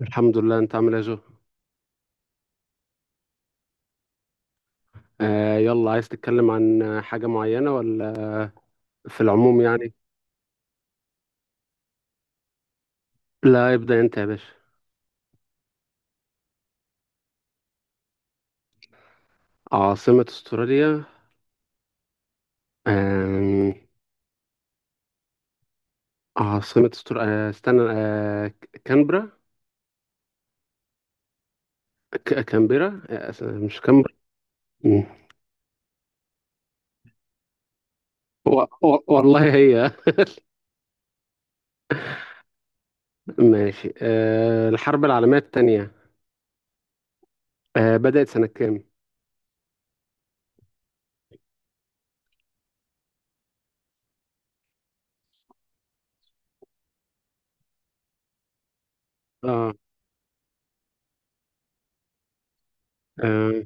الحمد لله. انت عامل ايه يا جو؟ آه، يلا. عايز تتكلم عن حاجة معينة ولا؟ في العموم يعني. لا، ابدأ انت يا باشا. عاصمة استراليا. آم، عاصمة استراليا، استنى. كانبرا. كانبرا، مش كانبرا. مم. و- والله هي. ماشي. الحرب العالمية التانية بدأت سنة كام؟ اه. آه،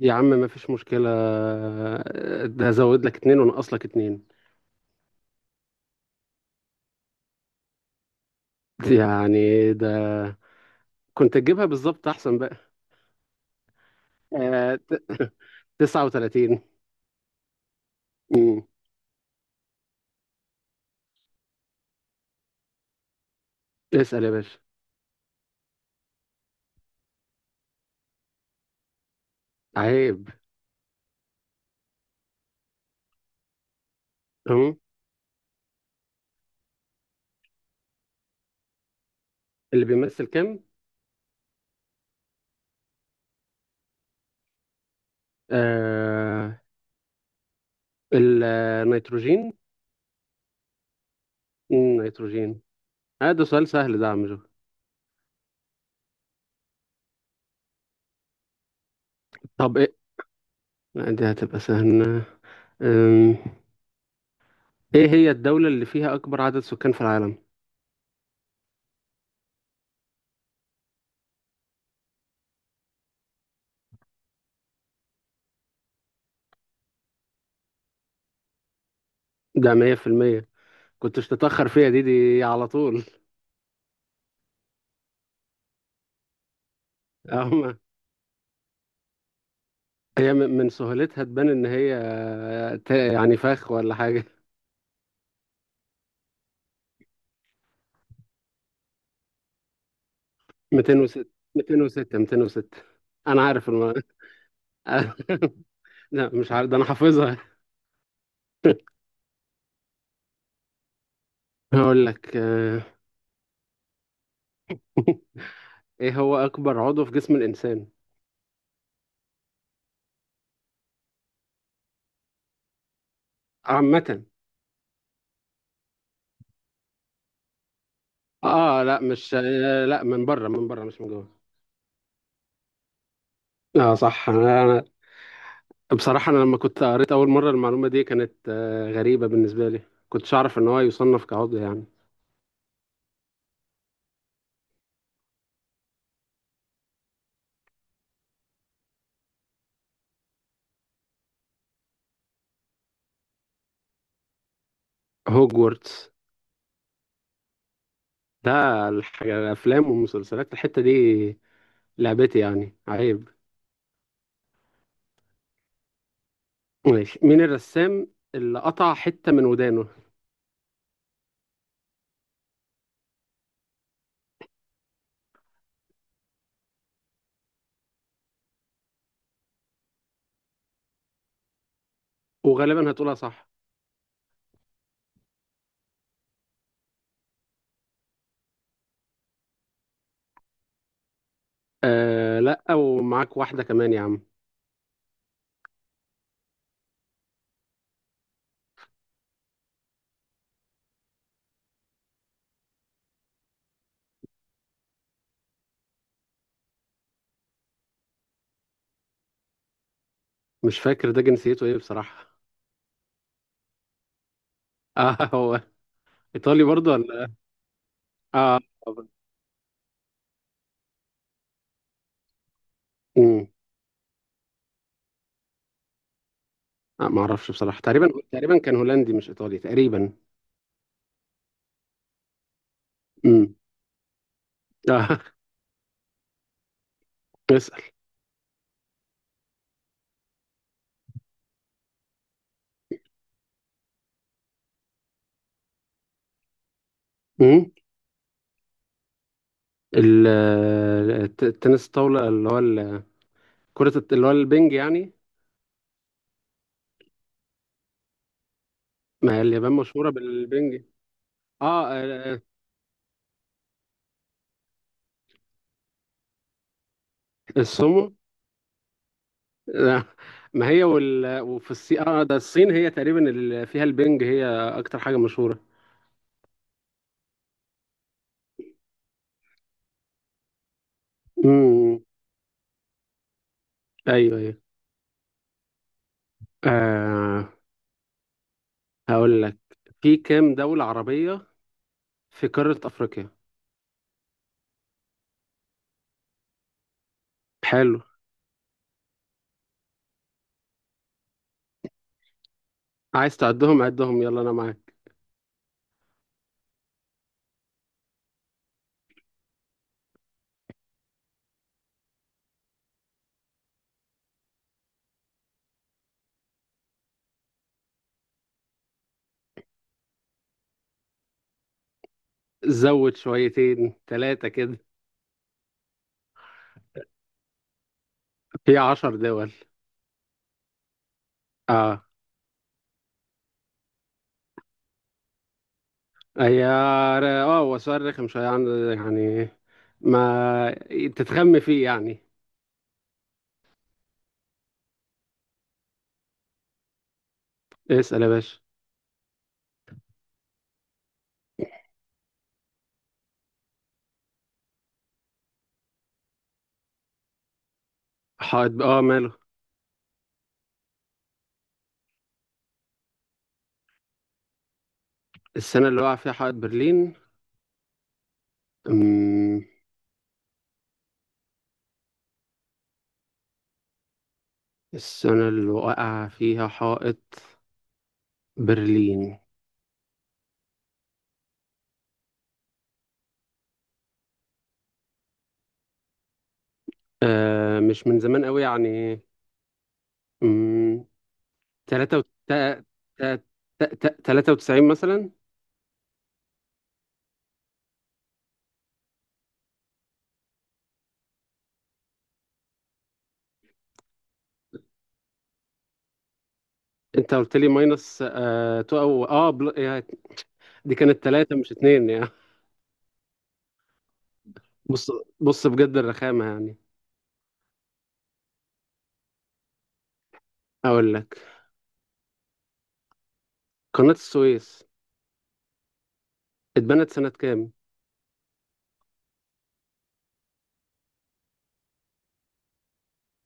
يا عم، ما فيش مشكلة. ده زود لك اتنين ونقص لك اتنين. يعني ده، كنت تجيبها بالظبط احسن بقى. آه ت- 39. امم اسأل يا باشا. عيب. اهو. اللي بيمثل كام؟ آه النيتروجين. نيتروجين. ده سؤال سهل ده يا عم جو. طب ايه؟ لا، دي هتبقى سهلة. أم، ايه هي الدولة اللي فيها اكبر عدد سكان في العالم؟ ده 100%. كنتش تتأخر فيها دي على طول. أهو. هي من سهولتها تبان ان هي يعني فخ ولا حاجة. 206. 206. 206. انا عارف الم... لا، مش عارف، ده انا حافظها. هقول لك. ايه هو اكبر عضو في جسم الانسان؟ عامة. اه، لا، مش لا، من بره، من بره، مش من جوه. اه صح. بصراحة، انا لما كنت قريت اول مرة المعلومة دي كانت غريبة بالنسبة لي. كنتش اعرف ان هو يصنف كعضو يعني. هوجورتس. ده الحاجة، الافلام والمسلسلات الحتة دي، لعبتي يعني، عيب. ماشي. مين الرسام اللي قطع حتة من ودانه؟ وغالبا هتقولها صح. لا، ومعاك واحدة كمان يا عم. مش فاكر ده جنسيته ايه بصراحة. اه، هو. ايطالي برضه ولا؟ اه. امم ما اعرفش بصراحة. تقريبا تقريبا كان هولندي مش ايطالي تقريبا. امم اه. اسأل. امم ال- التنس الطاولة اللي هو كرة اللي هو البنج يعني. ما هي اليابان مشهورة بالبنج. اه، السومو. لا، ما هي وفي الصين. اه، ده الصين هي تقريبا اللي فيها البنج. هي اكتر حاجه مشهوره. امم ايوه، ايوه. آه هقول لك. في كام دوله عربيه في قاره افريقيا؟ حلو. عايز تعدهم؟ عدهم، يلا انا معاك. زود شويتين ثلاثه كده. في 10 دول. اه. هي اه هو سؤال رخم شويه عن-، يعني ما تتخم فيه يعني. اسال يا باشا. حائط اه، ماله؟ السنه اللي وقع فيها حائط برلين. أمم، السنة اللي وقع فيها حائط برلين. مش من زمان قوي يعني. أمم، تلاتة وت... تا- تا- تا- تا- 93 مثلا. انت قلت لي ماينس تو، او بل... يعني دي كانت تلاتة مش اتنين يعني. بص. بص بجد، الرخامة يعني. اقول لك. قناة السويس اتبنت سنة كام؟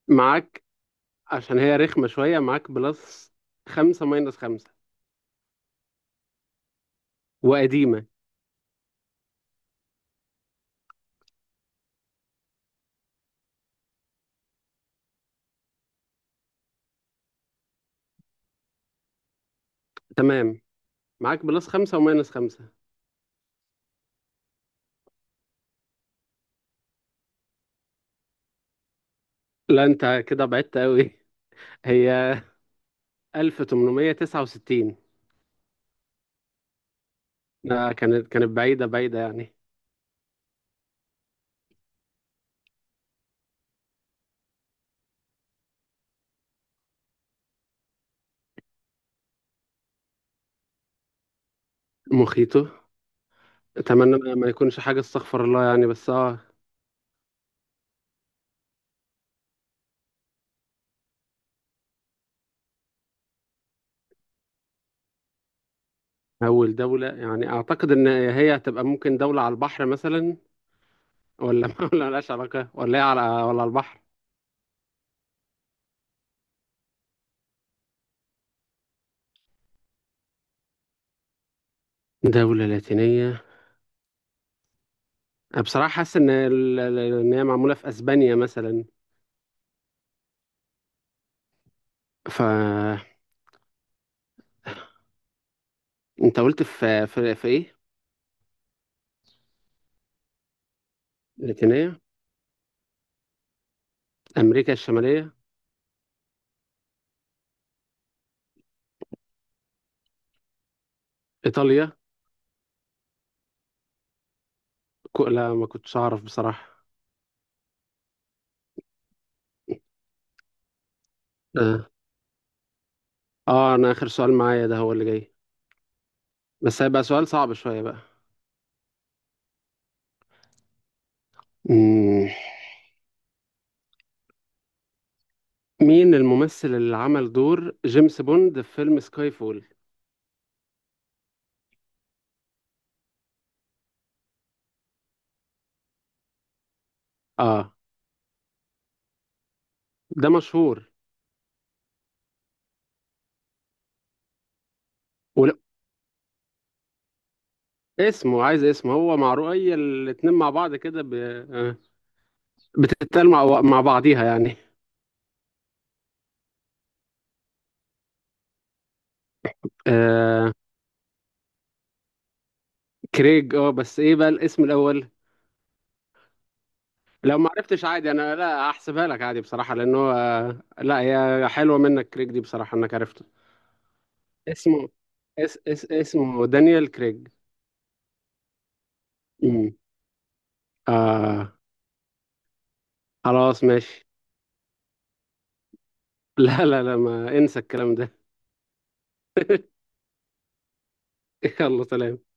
معاك، عشان هي رخمة شوية. معاك بلس خمسة ماينس خمسة. وقديمة. تمام. معاك بلس خمسة وماينس خمسة. لا، انت كده بعدت قوي. هي 1869. لا، كانت بعيدة بعيدة يعني. مخيطه. اتمنى ما يكونش حاجة، استغفر الله يعني، بس اه. اول دولة يعني اعتقد ان هي هتبقى ممكن دولة على البحر مثلا. ولا ولا ملهاش علاقة، ولا هي على، ولا على البحر. دولة لاتينية. أنا بصراحة حاسس ان ان هي معمولة في اسبانيا مثلا. ف، انت قلت في ايه؟ لاتينية. امريكا الشمالية. ايطاليا. لا، ما كنتش اعرف بصراحة. اه. اه، انا اخر سؤال معايا ده هو اللي جاي. بس هيبقى سؤال صعب شوية بقى. مم. مين الممثل اللي عمل دور جيمس بوند في فيلم سكاي فول؟ اه. ده مشهور. ولا، عايز اسمه، هو معروف. اي الاتنين مع بعض كده ب... بتتقال مع بعضيها يعني. آه. كريج، اه، بس ايه بقى الاسم الاول؟ لو ما عرفتش عادي، انا لا هحسبها لك عادي بصراحة، لانه لا، هي حلوة منك كريج دي بصراحة انك عرفت اسمه. اس اس اسمه دانيال كريج. امم آه خلاص ماشي. لا، لا، لا، ما انسى الكلام ده. يلا سلام.